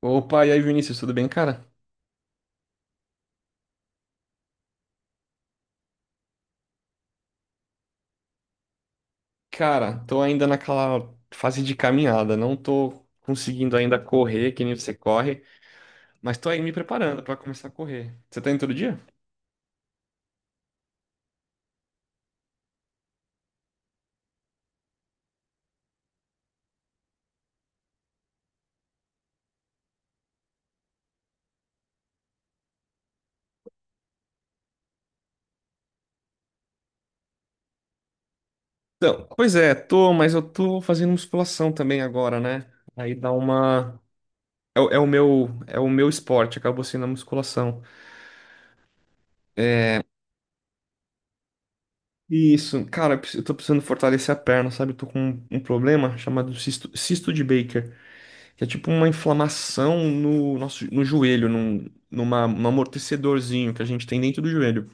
Opa, e aí, Vinícius, tudo bem, cara? Cara, tô ainda naquela fase de caminhada, não tô conseguindo ainda correr que nem você corre, mas tô aí me preparando pra começar a correr. Você tá indo todo dia? Então, pois é, tô, mas eu tô fazendo musculação também agora, né? Aí dá uma é o meu esporte, acabou sendo a musculação. É, isso, cara, eu tô precisando fortalecer a perna, sabe? Eu tô com um problema chamado cisto, cisto de Baker, que é tipo uma inflamação no joelho, num amortecedorzinho que a gente tem dentro do joelho.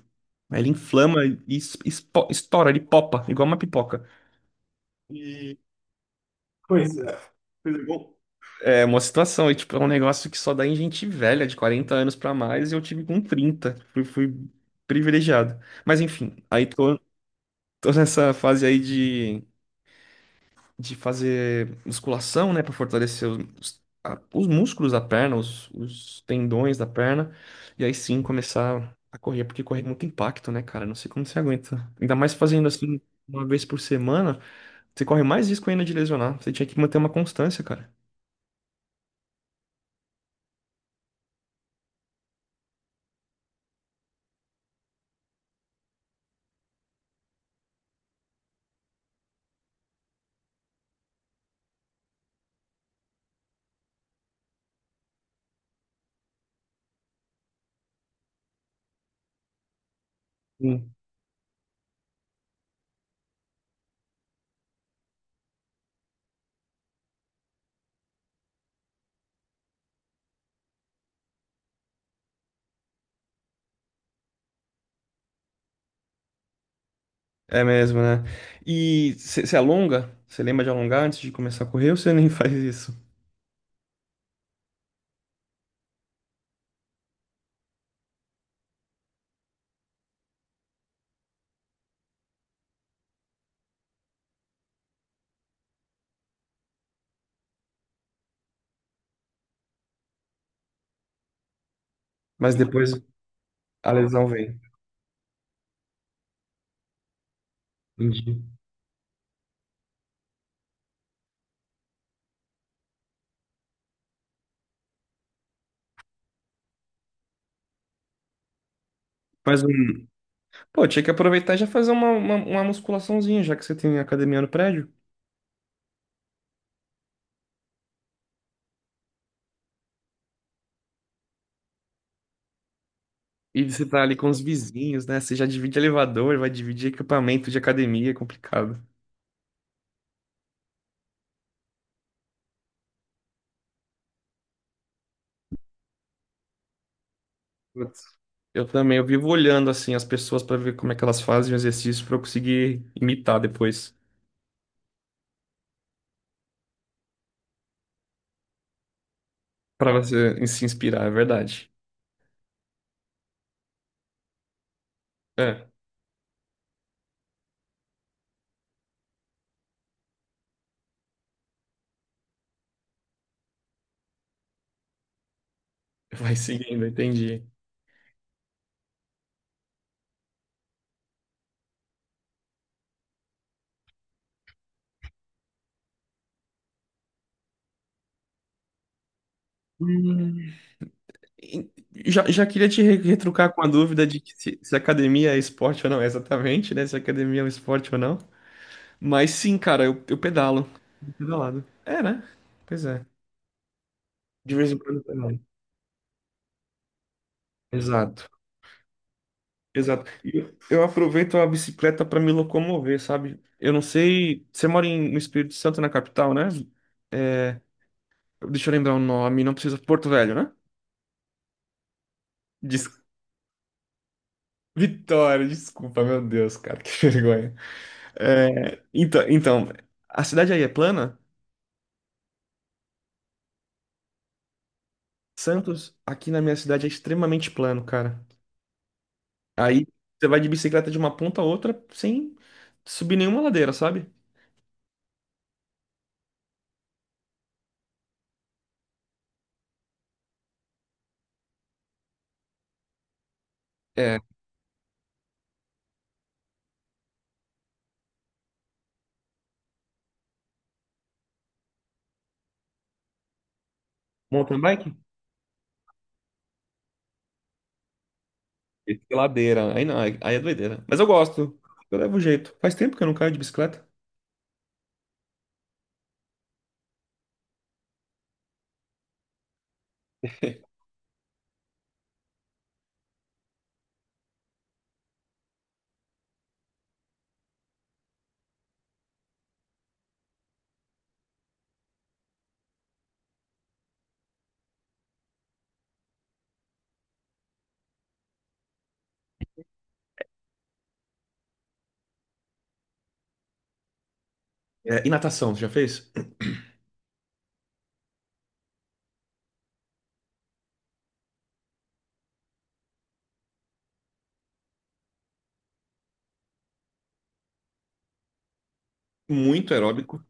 Aí ele inflama e estoura, ele popa, igual uma pipoca. E pois é. Pois é, bom. É uma situação, e, tipo, é um negócio que só dá em gente velha, de 40 anos pra mais, e eu tive com 30. Fui privilegiado. Mas enfim, tô nessa fase aí de fazer musculação, né, para fortalecer os músculos da perna, os tendões da perna, e aí sim começar a correr, porque correr é muito impacto, né, cara? Não sei como você aguenta. Ainda mais fazendo assim uma vez por semana, você corre mais risco ainda de lesionar. Você tinha que manter uma constância, cara. Sim. É mesmo, né? E você alonga? Você lembra de alongar antes de começar a correr ou você nem faz isso? Mas depois a lesão vem. Entendi. Faz um. Pô, tinha que aproveitar e já fazer uma musculaçãozinha, já que você tem academia no prédio. E você tá ali com os vizinhos, né? Você já divide elevador, vai dividir equipamento de academia, é complicado. Putz. Eu também, eu vivo olhando assim as pessoas pra ver como é que elas fazem o exercício pra eu conseguir imitar depois. Pra você se inspirar, é verdade. É, vai seguindo, entendi. Hum. E- já, já queria te retrucar com a dúvida de que se academia é esporte ou não, é exatamente, né? Se academia é um esporte ou não. Mas sim, cara, eu pedalo. Pedalado. É, né? Pois é. De vez em quando eu pedalo. Exato. Exato. E eu aproveito a bicicleta para me locomover, sabe? Eu não sei. Você mora em, no Espírito Santo, na capital, né? É, deixa eu lembrar o nome, não precisa. Porto Velho, né? Des- Vitória, desculpa, meu Deus, cara, que vergonha. É, então, a cidade aí é plana? Santos, aqui na minha cidade, é extremamente plano, cara. Aí você vai de bicicleta de uma ponta a outra sem subir nenhuma ladeira, sabe? É, mountain bike? Tem ladeira. Aí não, aí é doideira. Mas eu gosto. Eu levo jeito. Faz tempo que eu não caio de bicicleta. É, e natação, você já fez? Muito aeróbico.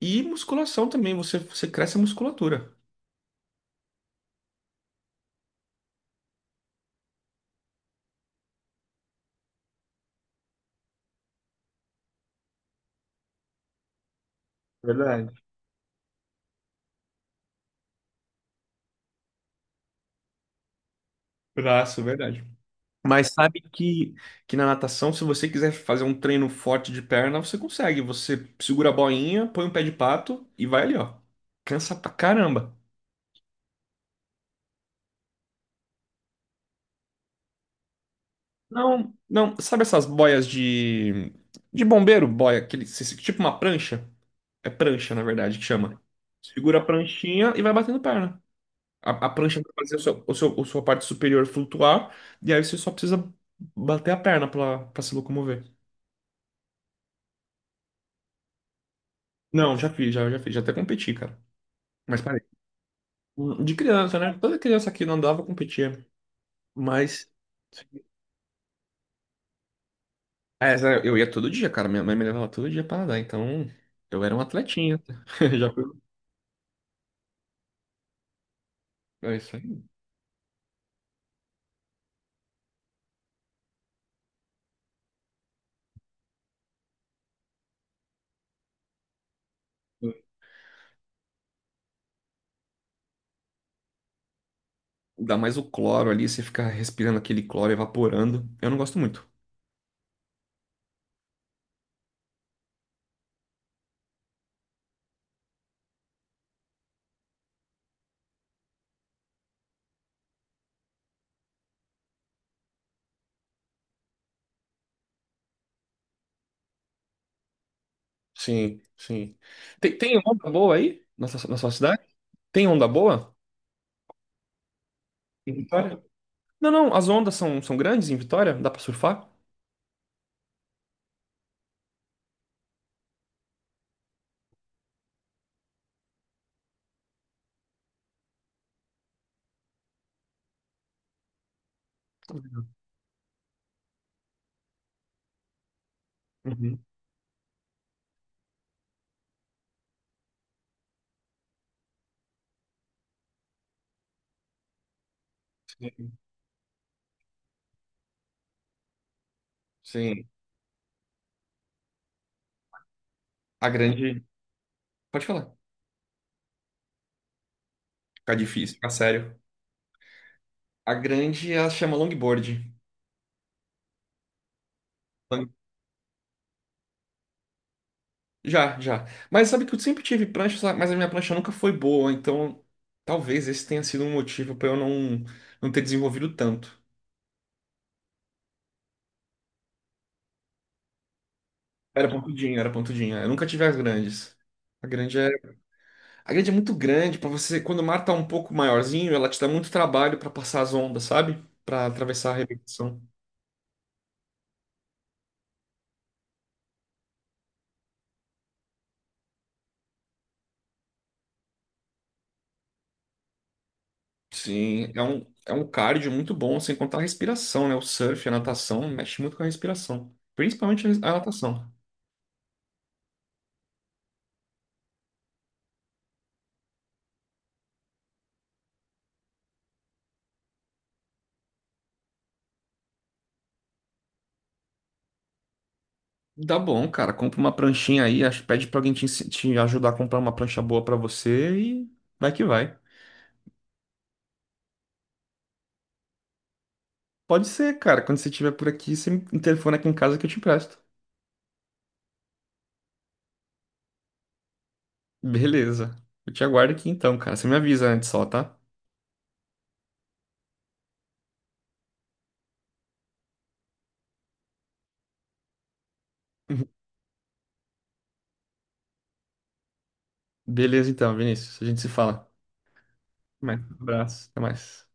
E musculação também, você cresce a musculatura. Verdade. Braço, verdade. Mas sabe que na natação, se você quiser fazer um treino forte de perna, você consegue. Você segura a boinha, põe um pé de pato e vai ali, ó. Cansa pra caramba. Não, não, sabe essas boias de bombeiro, boia, aquele tipo uma prancha? É prancha, na verdade, que chama. Segura a pranchinha e vai batendo perna. A prancha vai fazer a sua parte superior flutuar, e aí você só precisa bater a perna pra, pra se locomover. Não, já fiz, já fiz, já até competi, cara. Mas parei. De criança, né? Toda criança que não andava competia. Mas. É, sério, eu ia todo dia, cara. Minha mãe me levava todo dia pra nadar, então eu era um atletinha. Já fui. É isso aí. Dá mais o cloro ali, você fica respirando aquele cloro evaporando. Eu não gosto muito. Sim, sim. Tem, tem onda boa aí? Na sua cidade? Tem onda boa? Em Vitória? Não, não, as ondas são, são grandes em Vitória, dá pra surfar? Uhum. Sim. Sim. A grande. Pode falar. Fica difícil, fica sério. A grande ela chama longboard. Long- já, já. Mas sabe que eu sempre tive prancha, sabe? Mas a minha prancha nunca foi boa, então talvez esse tenha sido um motivo pra eu não, não ter desenvolvido tanto. Era pontudinha, era pontudinha. Eu nunca tive as grandes. A grande é, a grande é muito grande para você. Quando o mar tá um pouco maiorzinho, ela te dá muito trabalho para passar as ondas, sabe? Para atravessar a arrebentação. Sim, é um cardio muito bom, sem contar a respiração, né? O surf, a natação, mexe muito com a respiração. Principalmente a res- a natação. Dá bom, cara. Compra uma pranchinha aí, acho- pede pra alguém te, ensi- te ajudar a comprar uma prancha boa pra você e vai que vai. Pode ser, cara. Quando você estiver por aqui, você me telefona aqui em casa que eu te empresto. Beleza. Eu te aguardo aqui então, cara. Você me avisa antes só, tá? Beleza então, Vinícius. A gente se fala. Até mais. Um abraço. Até mais.